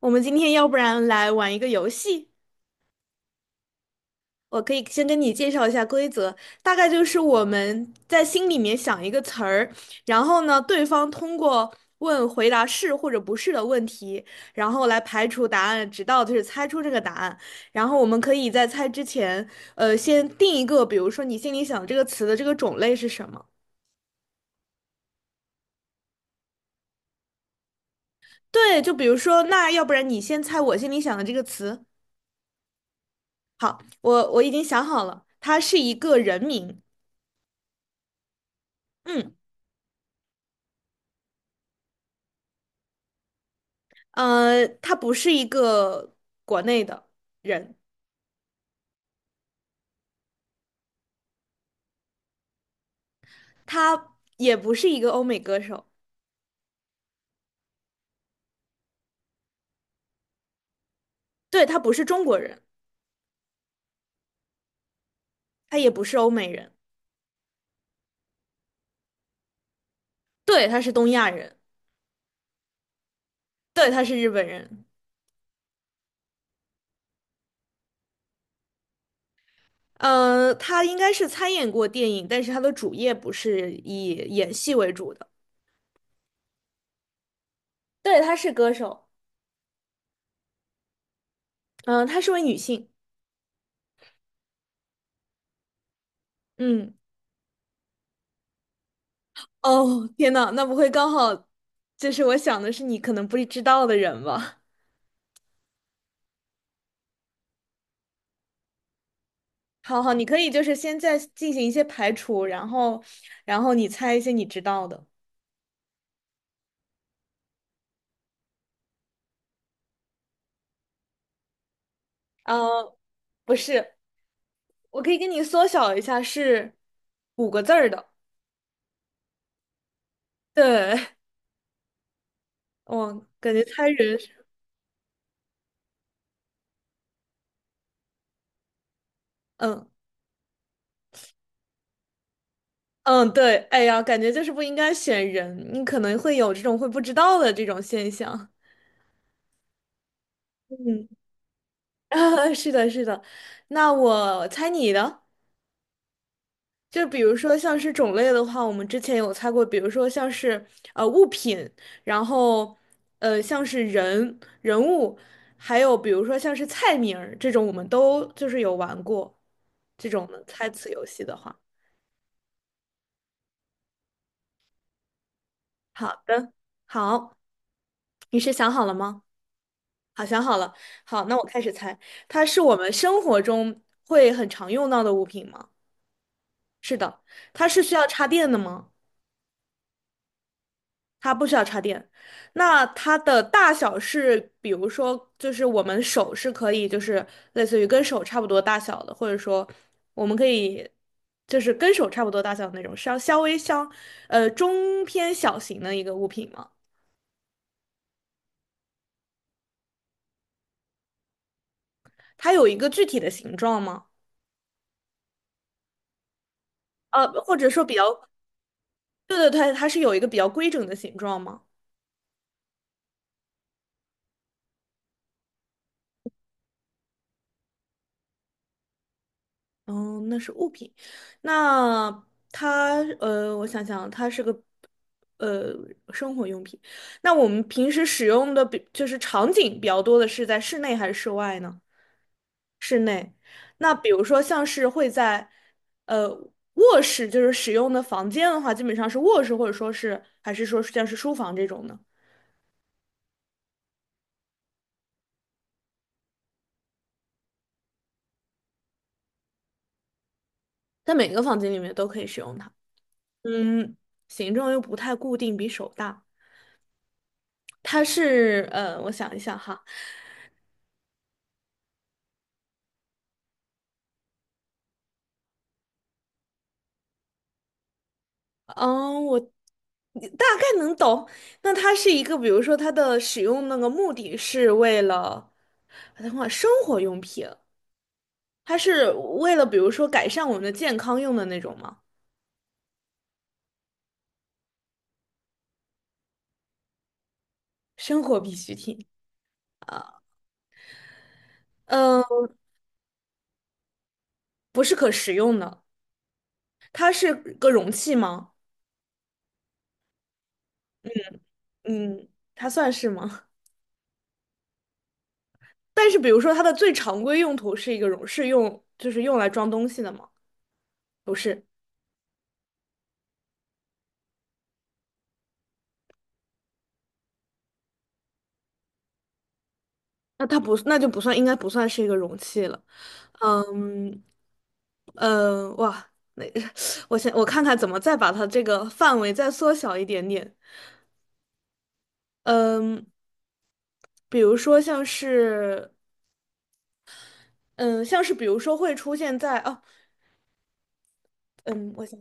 我们今天要不然来玩一个游戏，我可以先跟你介绍一下规则，大概就是我们在心里面想一个词儿，然后呢，对方通过问回答是或者不是的问题，然后来排除答案，直到就是猜出这个答案。然后我们可以在猜之前，先定一个，比如说你心里想这个词的这个种类是什么？对，就比如说，那要不然你先猜我心里想的这个词，我已经想好了，它是一个人名。嗯。他不是一个国内的人，他也不是一个欧美歌手，对，他不是中国人，他也不是欧美人，对，他是东亚人，对，他是日本人。他应该是参演过电影，但是他的主业不是以演戏为主的。对，她是歌手，嗯、她是位女性。嗯，哦，天呐，那不会刚好就是我想的是你可能不知道的人吧？好好，你可以就是先在进行一些排除，然后，然后你猜一些你知道的。呃，不是，我可以给你缩小一下，是五个字儿的。对，我感觉猜人是嗯嗯，对，哎呀，感觉就是不应该选人，你可能会有这种会不知道的这种现象。嗯，啊，是的，是的。那我猜你的。就比如说像是种类的话，我们之前有猜过，比如说像是物品，然后像是人物，还有比如说像是菜名儿这种，我们都就是有玩过这种的猜词游戏的话。好的，好，你是想好了吗？好，想好了。好，那我开始猜，它是我们生活中会很常用到的物品吗？是的，它是需要插电的吗？它不需要插电。那它的大小是，比如说，就是我们手是可以，就是类似于跟手差不多大小的，或者说我们可以就是跟手差不多大小的那种，稍稍微相呃中偏小型的一个物品吗？它有一个具体的形状吗？或者说比较，对对对它是有一个比较规整的形状吗？哦，那是物品。那它呃，我想想，它是个呃生活用品。那我们平时使用的，就是场景比较多的是在室内还是室外呢？室内。那比如说像是会在呃卧室，就是使用的房间的话，基本上是卧室，或者说是还是说是像是书房这种呢？在每个房间里面都可以使用它。嗯，形状又不太固定，比手大。它是我想一想哈。嗯，我大概能懂。那它是一个，比如说它的使用那个目的是为了，等会儿生活用品，它是为了比如说改善我们的健康用的那种吗？生活必需品，嗯，不是可食用的，它是个容器吗？嗯，它算是吗？但是比如说它的最常规用途是一个容，是用就是用来装东西的吗？不是，那它不，那就不算，应该不算是一个容器了。嗯，嗯哇，那 我看看怎么再把它这个范围再缩小一点点。嗯，比如说像是，嗯，像是比如说会出现在哦，嗯，我想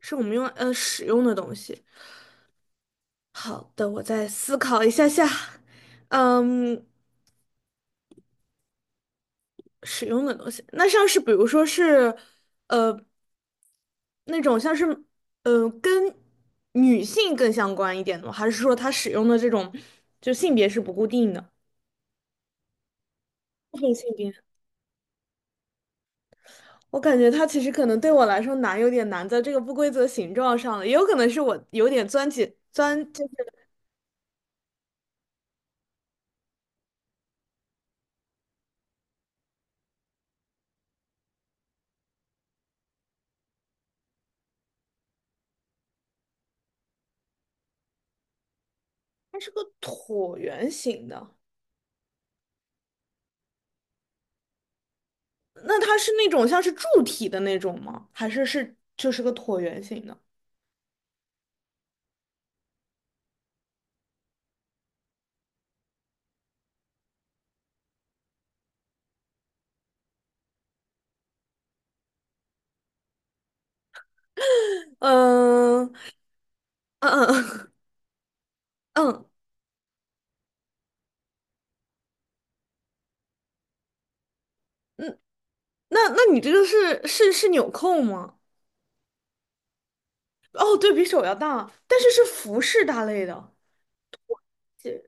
是我们用使用的东西。好的，我再思考一下下。嗯，使用的东西，那像是比如说是，呃，那种像是，跟女性更相关一点的吗，还是说它使用的这种就性别是不固定的？部分性别。我感觉它其实可能对我来说难，有点难在这个不规则形状上了，也有可能是我有点钻，就是它是个椭圆形的，那它是那种像是柱体的那种吗？还是是就是个椭圆形的？嗯嗯嗯嗯嗯，那那你这个是纽扣吗？哦，对比手要大，但是是服饰大类的，这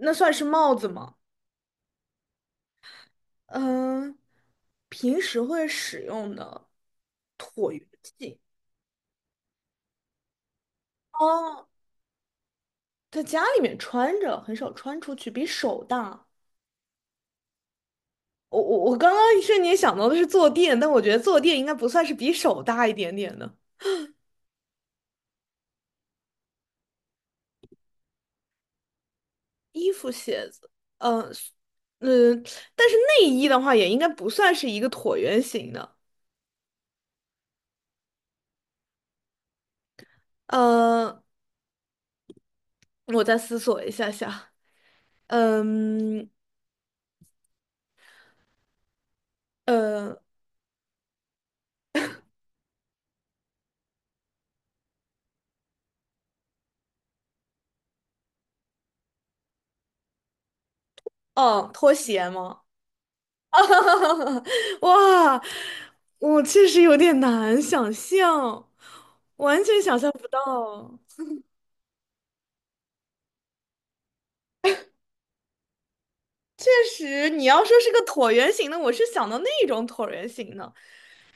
那算是帽子吗？嗯，平时会使用的椭圆形。哦，在家里面穿着，很少穿出去，比手大。我刚刚一瞬间想到的是坐垫，但我觉得坐垫应该不算是比手大一点点的。衣服、鞋子，嗯、呃嗯，但是内衣的话也应该不算是一个椭圆形的。嗯，我再思索一下下。嗯呃哦，拖鞋吗？哇，我确实有点难想象，完全想象不到。确实，你要说是个椭圆形的，我是想到那种椭圆形的，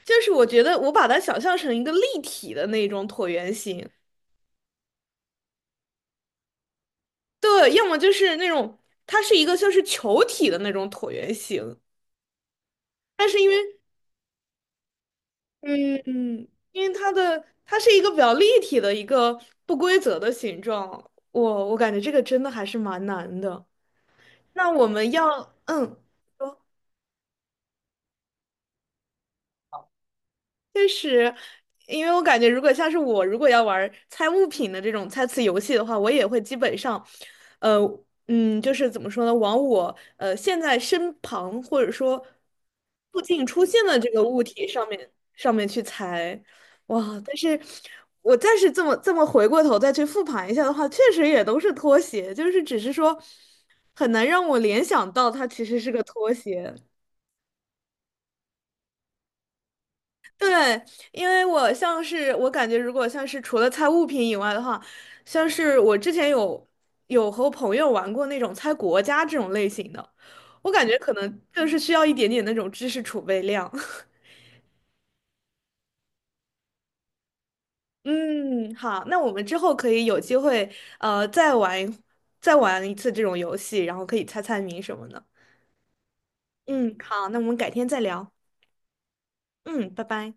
就是我觉得我把它想象成一个立体的那种椭圆形，对，要么就是那种它是一个像是球体的那种椭圆形，但是因为嗯嗯，因为它的它是一个比较立体的一个不规则的形状，我感觉这个真的还是蛮难的。那我们要嗯。说确实，因为我感觉，如果像是我，如果要玩儿猜物品的这种猜词游戏的话，我也会基本上，呃，嗯，就是怎么说呢，往我现在身旁或者说附近出现的这个物体上面去猜，哇！但是我再是这么回过头再去复盘一下的话，确实也都是拖鞋，就是只是说很难让我联想到它其实是个拖鞋。对，因为我像是我感觉，如果像是除了猜物品以外的话，像是我之前有和朋友玩过那种猜国家这种类型的，我感觉可能就是需要一点点那种知识储备量。嗯，好，那我们之后可以有机会呃再玩一再玩一次这种游戏，然后可以猜猜谜什么的。嗯，好，那我们改天再聊。嗯，拜拜。